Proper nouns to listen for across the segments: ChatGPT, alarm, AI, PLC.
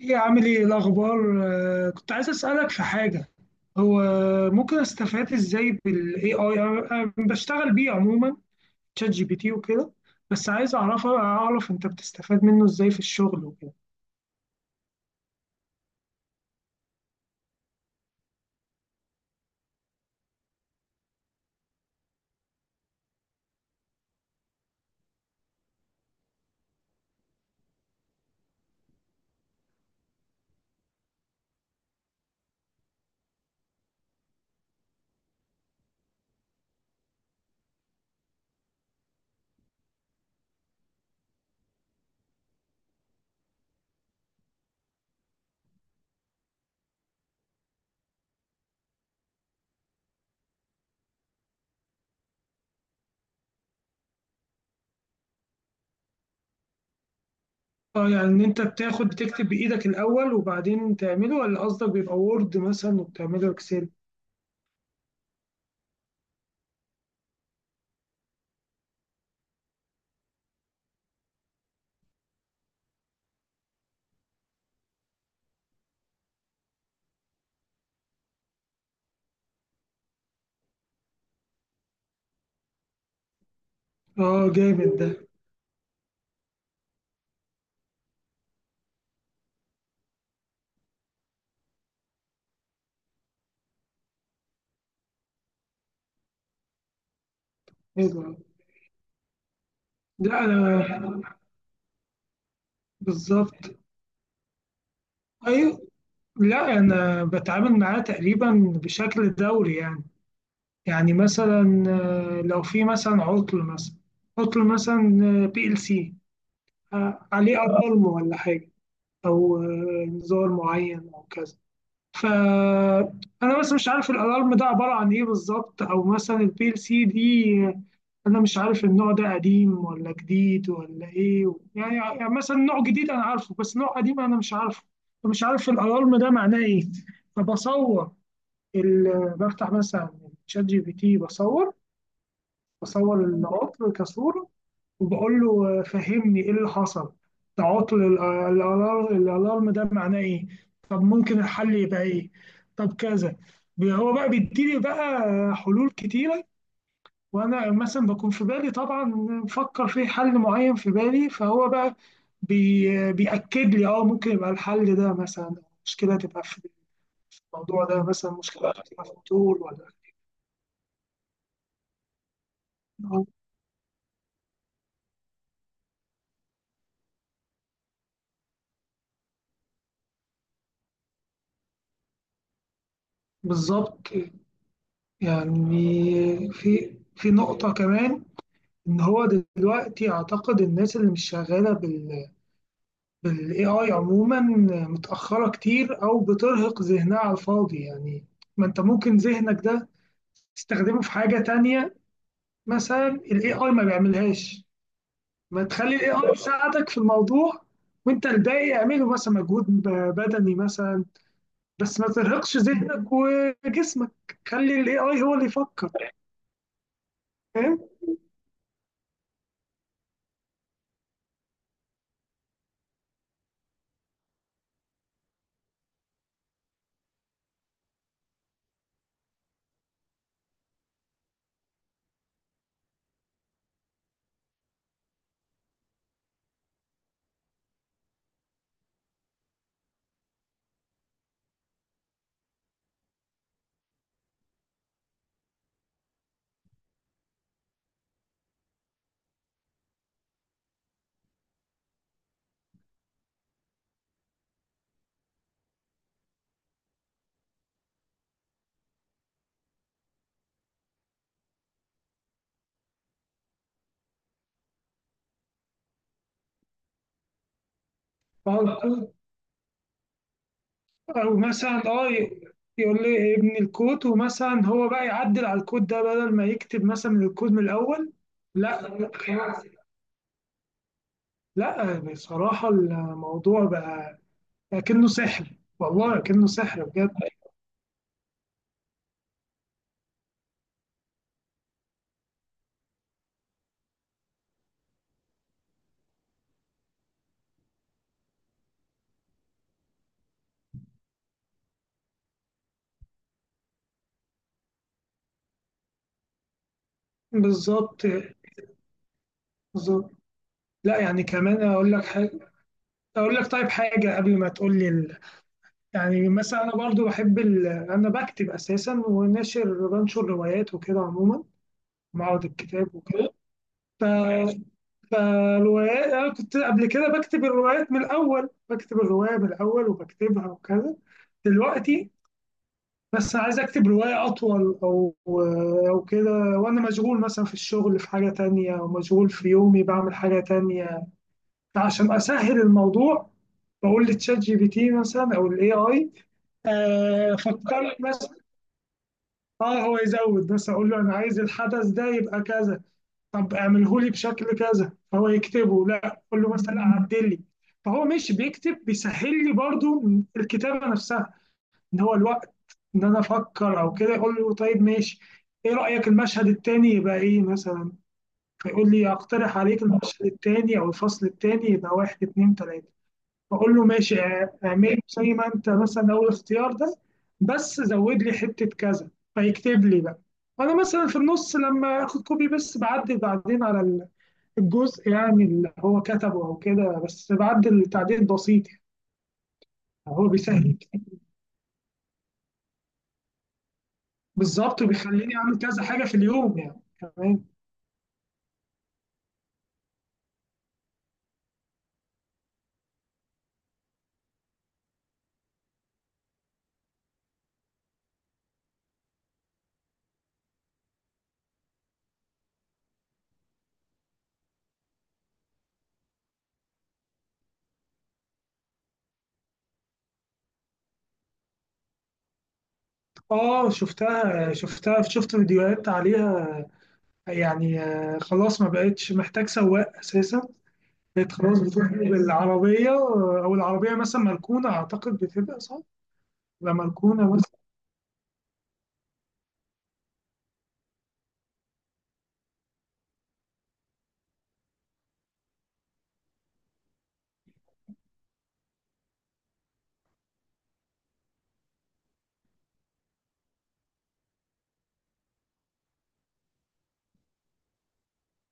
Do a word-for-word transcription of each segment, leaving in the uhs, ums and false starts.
ايه، عامل ايه؟ إيه الاخبار؟ آه، كنت عايز اسالك في حاجه. هو ممكن استفاد ازاي بالاي اي؟ انا أنا بشتغل بيه عموما، تشات جي بي تي وكده. بس عايز اعرف اعرف انت بتستفاد منه ازاي في الشغل وكده. اه يعني ان انت بتاخد بتكتب بايدك الاول وبعدين تعمله، ولا قصدك بيبقى وورد مثلا وبتعمله اكسل؟ اه جامد ده. حلو أوي. لا انا، بالظبط. ايوه. لا انا بتعامل معاه تقريبا بشكل دوري يعني. يعني مثلا آه، لو في مثلا عطل مثلا عطل مثلا بي ال سي عليه اظلم ولا حاجه، او آه، نزال معين او كذا. فانا بس مش عارف الالارم ده عباره عن ايه بالظبط، او مثلا البي ال سي دي آه، انا مش عارف النوع ده قديم ولا جديد ولا ايه، يعني يعني مثلا نوع جديد انا عارفه بس نوع قديم انا مش عارفه. فمش عارف الالارم ده معناه ايه. فبصور، ال- بفتح مثلا شات جي بي تي، بصور بصور العطل كصورة، وبقول له آه، فهمني ايه اللي حصل، ده عطل ال- آه، الالار- الالارم ده معناه ايه، طب ممكن الحل يبقى ايه، طب كذا. بي- هو بقى بيديلي بقى حلول كتيرة. وانا مثلا بكون في بالي طبعا مفكر في حل معين في بالي، فهو بقى بي بيأكد لي اه ممكن يبقى الحل ده مثلا، مشكلة تبقى في في الموضوع ده مثلا مشكلة تبقى في الطول ولا... بالظبط. يعني في في نقطة كمان إن هو دلوقتي أعتقد الناس اللي مش شغالة بال بال A I عموما متأخرة كتير أو بترهق ذهنها على الفاضي يعني. ما أنت ممكن ذهنك ده تستخدمه في حاجة تانية، مثلا ال إيه آي ما بيعملهاش. ما تخلي ال إيه آي يساعدك في الموضوع، وأنت الباقي اعمله مثلا مجهود ب- بدني مثلا. بس ما ترهقش ذهنك وجسمك، خلي ال إيه آي هو اللي يفكر. فاهم؟ او مثلا اه ي- يقول لي ابن الكود، ومثلا هو بقى يعدل على الكود ده بدل ما يكتب مثلا الكود من الاول. لا. لا بصراحة الموضوع بقى كأنه سحر. والله كأنه سحر بجد. بالظبط. بالظبط. لا يعني كمان اقول لك حاجة. اقول لك طيب حاجة قبل ما تقول لي ال... يعني مثلا انا برضو بحب ال... انا بكتب اساسا، وناشر بنشر روايات وكده عموما، معرض الكتاب وكده. ف... فالروايات أنا كنت قبل كده بكتب الروايات من الأول، بكتب الرواية من الأول وبكتبها وكذا. دلوقتي بس عايز أكتب رواية أطول أو أو كده، وأنا مشغول مثلا في الشغل في حاجة تانية أو مشغول في يومي بعمل حاجة تانية. فعشان أسهل الموضوع، بقول لتشات جي بي تي مثلا أو الاي اي فكر مثلا. اه هو يزود، بس اقول له انا عايز الحدث ده يبقى كذا، طب اعمله لي بشكل كذا فهو يكتبه، لا قول له مثلا عدل لي. فهو مش بيكتب، بيسهل لي برضو الكتابه نفسها، ان هو الوقت ان انا افكر او كده، يقول له طيب ماشي ايه رايك المشهد التاني يبقى ايه مثلا، فيقول لي اقترح عليك المشهد التاني او الفصل التاني يبقى واحد اتنين تلاته، فاقول له ماشي اع- اعمله زي ما انت مثلا اول اختيار ده، بس زود لي حته كذا. فيكتب لي بقى، وانا مثلا في النص لما اخد كوبي بس بعدل بعدين على الجزء، يعني اللي هو كتبه او كده بس بعدل تعديل بسيط. يعني هو بيسهل كتير. بالظبط، بيخليني اعمل كذا حاجه في اليوم يعني كمان. اه شفتها شفتها شفت فيديوهات عليها. يعني آه، خلاص ما بقتش محتاج سواق اساسا. بقت خلاص بتروح بالعربيه آه، او العربيه مثلا مركونه، اعتقد بتبقى صح. تبقى مركونه مثلا.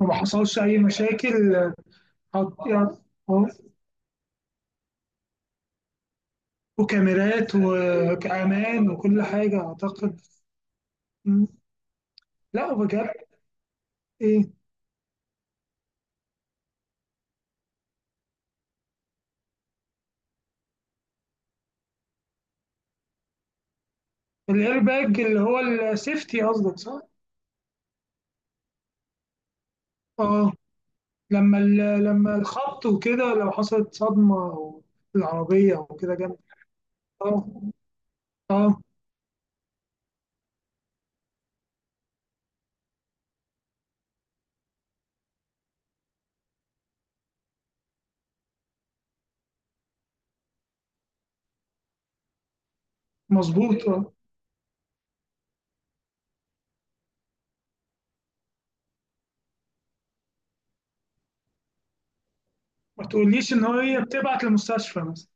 وما حصلش اي مشاكل آه، حط- يعني آه، وكاميرات وكأمان وكل حاجة أعتقد. مم. لا بجد. ايه الاير باج اللي هو السيفتي قصدك صح؟ اه لما ال- لما الخبط وكده لو حصلت صدمة او العربية او كده جنب. اه. اه مظبوط اه. ما تقوليش ان هي بتبعت للمستشفى مثلا.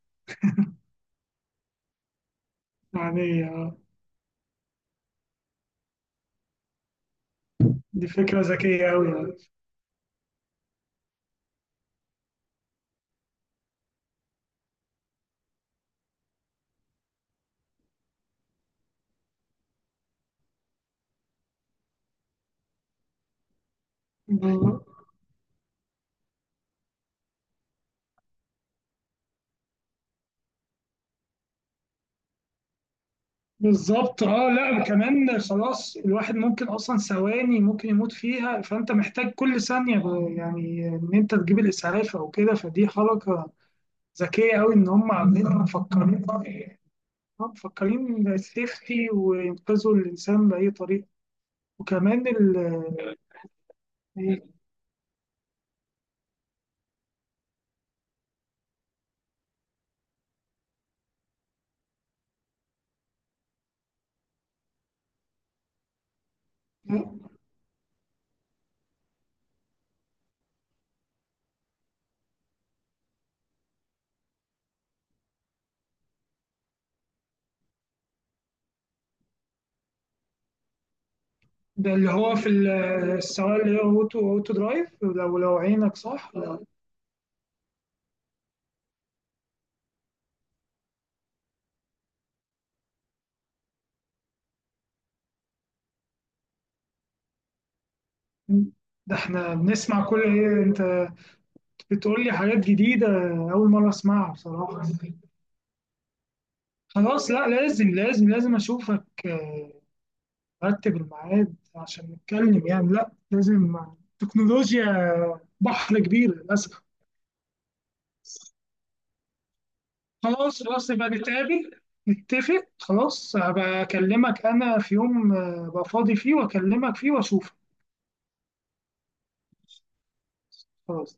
يعني آه، دي فكرة ذكية أوي يعني. ب- بالظبط. اه لا كمان خلاص الواحد ممكن اصلا ثواني ممكن يموت فيها، فانت محتاج كل ثانية ب- يعني ان انت تجيب الاسعاف او كده. فدي حركة ذكية أوي إن هم عاملين مفكرين، هم مفكرين السيفتي وينقذوا الإنسان بأي طريقة. وكمان ال... ده اللي هو في ال- السواق اللي هو أوتو أوتو درايف لو لو عينك صح. ده احنا بنسمع كل ايه، انت بتقول لي حاجات جديدة، أول مرة أسمعها بصراحة. خلاص، لا لازم لازم لازم أشوفك. آه، رتب الميعاد عشان نتكلم يعني، لا لازم. التكنولوجيا بحر كبير للأسف. خلاص خلاص يبقى نتقابل نتفق. خلاص هبقى أكلمك أنا في يوم آه، أبقى فاضي فيه وأكلمك فيه وأشوفك. خلاص.